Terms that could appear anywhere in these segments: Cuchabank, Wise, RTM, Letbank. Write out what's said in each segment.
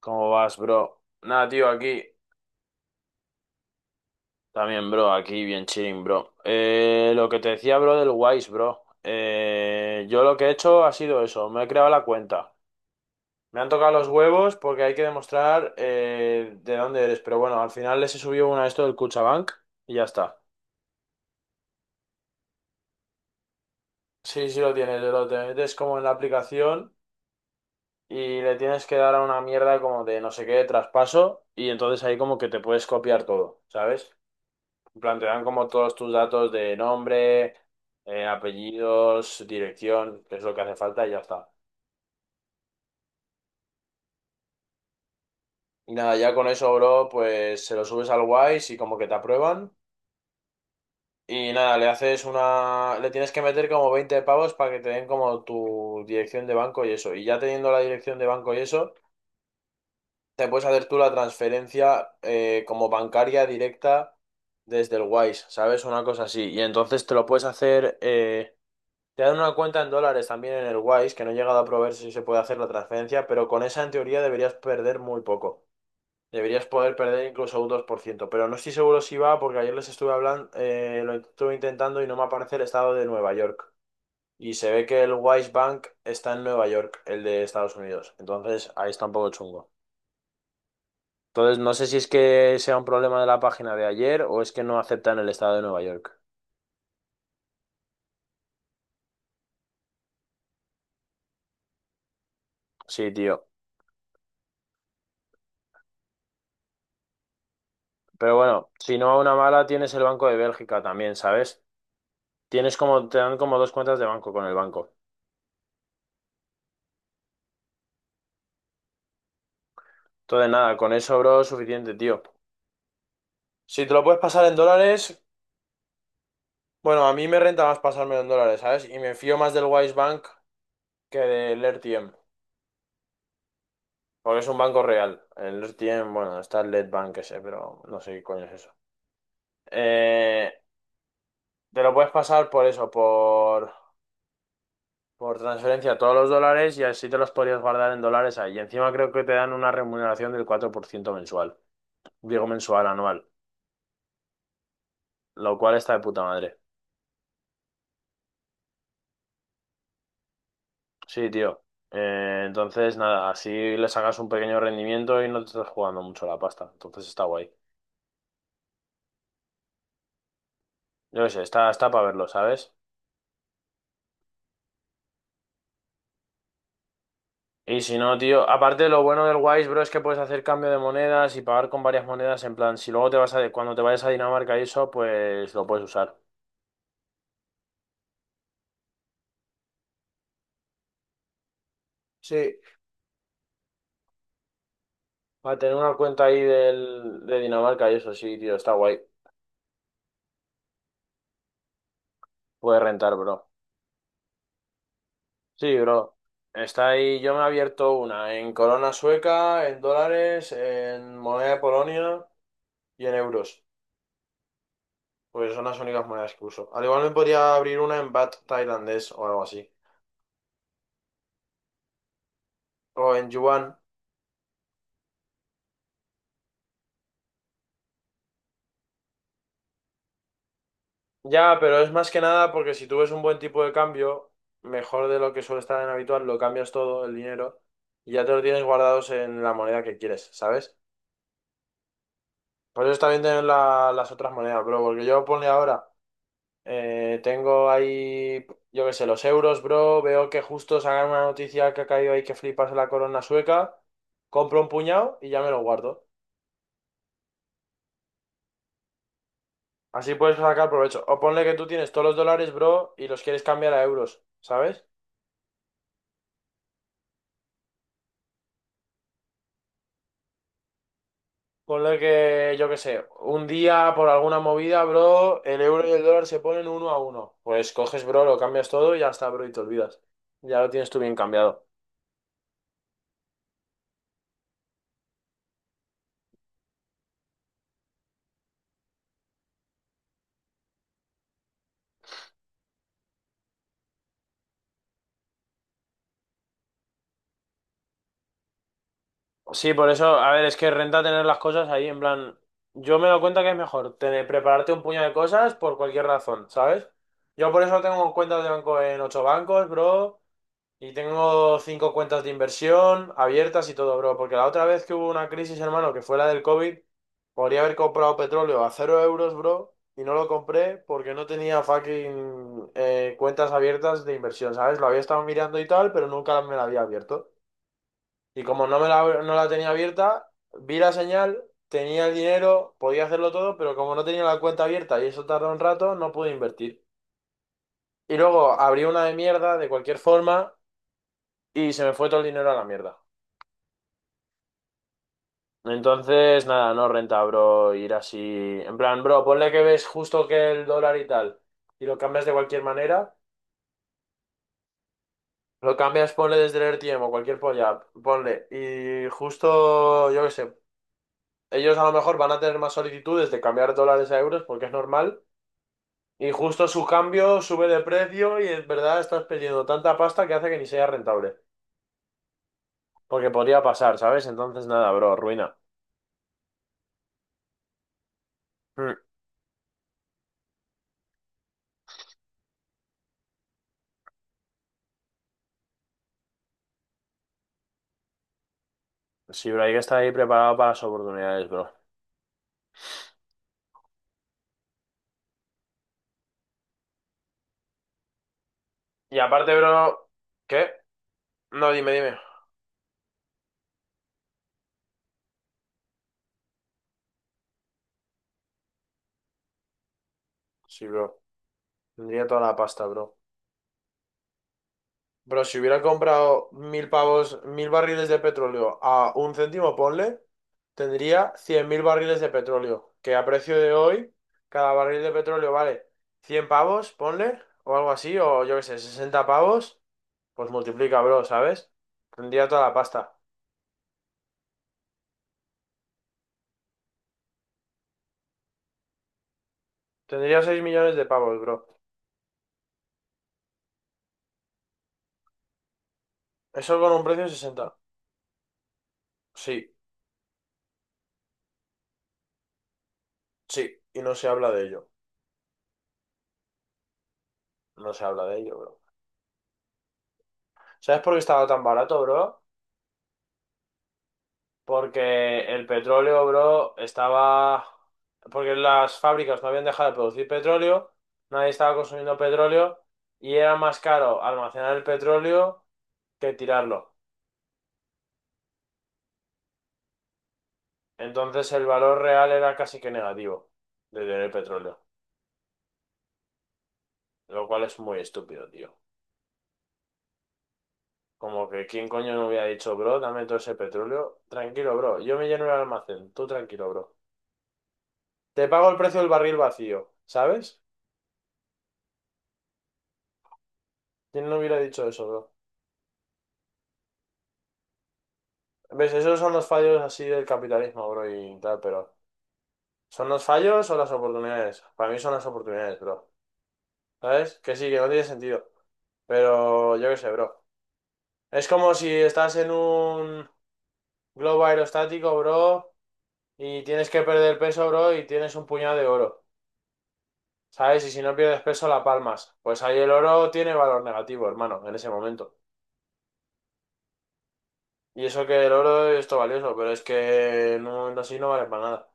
¿Cómo vas, bro? Nada, tío, aquí. También, bro, aquí bien chilling, bro. Lo que te decía, bro, del Wise, bro. Yo lo que he hecho ha sido eso, me he creado la cuenta. Me han tocado los huevos porque hay que demostrar de dónde eres. Pero bueno, al final les he subido una de esto del Cuchabank y ya está. Sí, sí lo tienes, lo te metes como en la aplicación y le tienes que dar a una mierda como de no sé qué, traspaso, y entonces ahí como que te puedes copiar todo, ¿sabes? En plan, te dan como todos tus datos de nombre, apellidos, dirección, que es lo que hace falta y ya está. Y nada, ya con eso, bro, pues se lo subes al Wise y como que te aprueban. Y nada, le haces una... Le tienes que meter como 20 pavos para que te den como tu dirección de banco y eso. Y ya teniendo la dirección de banco y eso, te puedes hacer tú la transferencia como bancaria directa desde el Wise, ¿sabes? Una cosa así. Y entonces te lo puedes hacer... Te dan una cuenta en dólares también en el Wise, que no he llegado a probar si se puede hacer la transferencia, pero con esa en teoría deberías perder muy poco. Deberías poder perder incluso un 2%, pero no estoy seguro si va porque ayer les estuve hablando, lo estuve intentando y no me aparece el estado de Nueva York. Y se ve que el Wise Bank está en Nueva York, el de Estados Unidos. Entonces ahí está un poco chungo. Entonces no sé si es que sea un problema de la página de ayer o es que no aceptan el estado de Nueva York. Sí, tío. Pero bueno, si no a una mala tienes el Banco de Bélgica también, ¿sabes? Tienes como, te dan como dos cuentas de banco con el banco. Entonces, nada, con eso, bro, suficiente, tío. Si te lo puedes pasar en dólares, bueno, a mí me renta más pasármelo en dólares, ¿sabes? Y me fío más del Wise Bank que del RTM, porque es un banco real. El RTM, bueno, está el Letbank ese, pero no sé qué coño es eso. Eh, Te lo puedes pasar por eso, por transferencia a todos los dólares y así te los podrías guardar en dólares ahí. Y encima creo que te dan una remuneración del 4% mensual, digo mensual, anual, lo cual está de puta madre. Sí, tío. Entonces, nada, así le sacas un pequeño rendimiento y no te estás jugando mucho la pasta. Entonces está guay. Yo qué sé, está para verlo, ¿sabes? Y si no, tío, aparte lo bueno del Wise, bro, es que puedes hacer cambio de monedas y pagar con varias monedas. En plan, si luego te vas a, cuando te vayas a Dinamarca y eso, pues lo puedes usar. Sí, para tener una cuenta ahí del, de Dinamarca y eso, sí, tío, está guay. Puedes rentar, bro. Sí, bro. Está ahí, yo me he abierto una en corona sueca, en dólares, en moneda de Polonia y en euros. Pues son las únicas monedas que uso. Al igual me podría abrir una en baht tailandés o algo así. O en yuan. Ya, pero es más que nada porque si tú ves un buen tipo de cambio, mejor de lo que suele estar en habitual, lo cambias todo, el dinero, y ya te lo tienes guardados en la moneda que quieres, ¿sabes? Por eso está bien tener las otras monedas, bro. Porque yo ponle ahora, tengo ahí, yo qué sé, los euros, bro. Veo que justo sacan una noticia que ha caído ahí que flipas en la corona sueca. Compro un puñado y ya me lo guardo. Así puedes sacar provecho. O ponle que tú tienes todos los dólares, bro, y los quieres cambiar a euros, ¿sabes? Ponle que, yo qué sé, un día por alguna movida, bro, el euro y el dólar se ponen uno a uno. Pues coges, bro, lo cambias todo y ya está, bro, y te olvidas. Ya lo tienes tú bien cambiado. Sí, por eso, a ver, es que renta tener las cosas ahí, en plan, yo me doy cuenta que es mejor tener, prepararte un puño de cosas por cualquier razón, ¿sabes? Yo por eso tengo cuentas de banco en 8 bancos, bro. Y tengo 5 cuentas de inversión abiertas y todo, bro. Porque la otra vez que hubo una crisis, hermano, que fue la del COVID, podría haber comprado petróleo a cero euros, bro. Y no lo compré porque no tenía fucking cuentas abiertas de inversión, ¿sabes? Lo había estado mirando y tal, pero nunca me la había abierto. Y como no la tenía abierta, vi la señal, tenía el dinero, podía hacerlo todo, pero como no tenía la cuenta abierta y eso tardó un rato, no pude invertir. Y luego abrí una de mierda, de cualquier forma, y se me fue todo el dinero a la mierda. Entonces, nada, no renta, bro, ir así. En plan, bro, ponle que ves justo que el dólar y tal, y lo cambias de cualquier manera. Lo cambias, ponle desde el RTM o cualquier polla, ponle. Y justo, yo qué sé, ellos a lo mejor van a tener más solicitudes de cambiar dólares a euros porque es normal. Y justo su cambio sube de precio y en verdad estás perdiendo tanta pasta que hace que ni sea rentable. Porque podría pasar, ¿sabes? Entonces, nada, bro, ruina. Mm. Sí, bro, hay que estar ahí preparado para las oportunidades, bro. Y aparte, bro, ¿qué? No, dime, dime. Sí, bro. Tendría toda la pasta, bro. Bro, si hubiera comprado 1.000 pavos, 1.000 barriles de petróleo a un céntimo, ponle, tendría 100.000 barriles de petróleo. Que a precio de hoy, cada barril de petróleo vale 100 pavos, ponle, o algo así, o yo qué sé, 60 pavos. Pues multiplica, bro, ¿sabes? Tendría toda la pasta. Tendría 6 millones de pavos, bro. Eso con un precio de sesenta. Sí, sí. Y no se habla de ello. No se habla de ello, bro. ¿Sabes por qué estaba tan barato, bro? Porque el petróleo, bro, estaba... Porque las fábricas no habían dejado de producir petróleo, nadie estaba consumiendo petróleo y era más caro almacenar el petróleo que tirarlo. Entonces el valor real era casi que negativo de tener petróleo, lo cual es muy estúpido, tío. Como que quién coño no hubiera dicho, bro, dame todo ese petróleo. Tranquilo, bro, yo me lleno el almacén, tú tranquilo, bro. Te pago el precio del barril vacío, ¿sabes? ¿Quién no hubiera dicho eso, bro? ¿Ves? Esos son los fallos así del capitalismo, bro, y tal, pero ¿son los fallos o las oportunidades? Para mí son las oportunidades, bro. ¿Sabes? Que sí, que no tiene sentido. Pero yo qué sé, bro. Es como si estás en un globo aerostático, bro, y tienes que perder peso, bro, y tienes un puñado de oro. ¿Sabes? Y si no pierdes peso, la palmas. Pues ahí el oro tiene valor negativo, hermano, en ese momento. Y eso que el oro es todo valioso, pero es que en un momento así no vale para nada.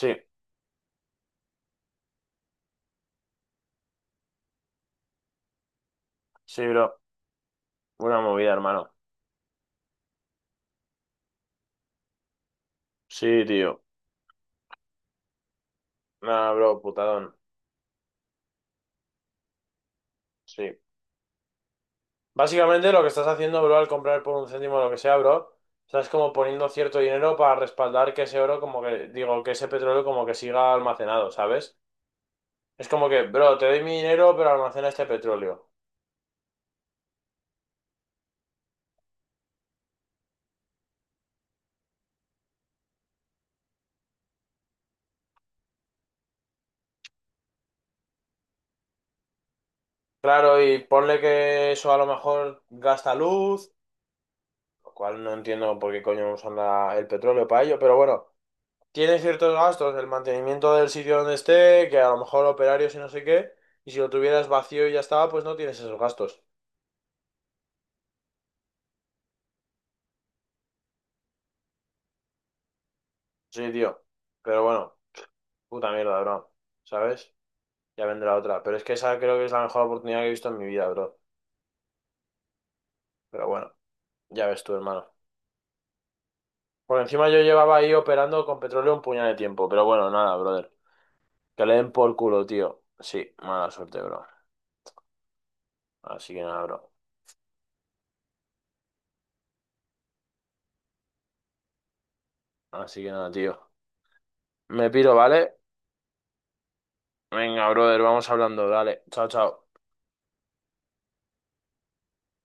Sí, sí, bro. Una movida, hermano. Sí, tío. Nah, bro, putadón. Sí. Básicamente lo que estás haciendo, bro, al comprar por un céntimo lo que sea, bro, estás como poniendo cierto dinero para respaldar que ese oro, como que, digo, que ese petróleo como que siga almacenado, ¿sabes? Es como que, bro, te doy mi dinero, pero almacena este petróleo. Claro, y ponle que eso a lo mejor gasta luz, lo cual no entiendo por qué coño nos anda el petróleo para ello, pero bueno, tiene ciertos gastos, el mantenimiento del sitio donde esté, que a lo mejor operarios y no sé qué, y si lo tuvieras vacío y ya estaba, pues no tienes esos gastos. Sí, tío. Pero bueno, puta mierda, bro. ¿Sabes? Ya vendrá otra. Pero es que esa creo que es la mejor oportunidad que he visto en mi vida, bro. Pero bueno, ya ves tú, hermano. Por encima yo llevaba ahí operando con petróleo un puñal de tiempo, pero bueno, nada, brother. Que le den por culo, tío. Sí, mala suerte, bro. Así que nada, bro. Así que nada, tío. Me piro, ¿vale? Venga, brother, vamos hablando. Dale. Chao, chao.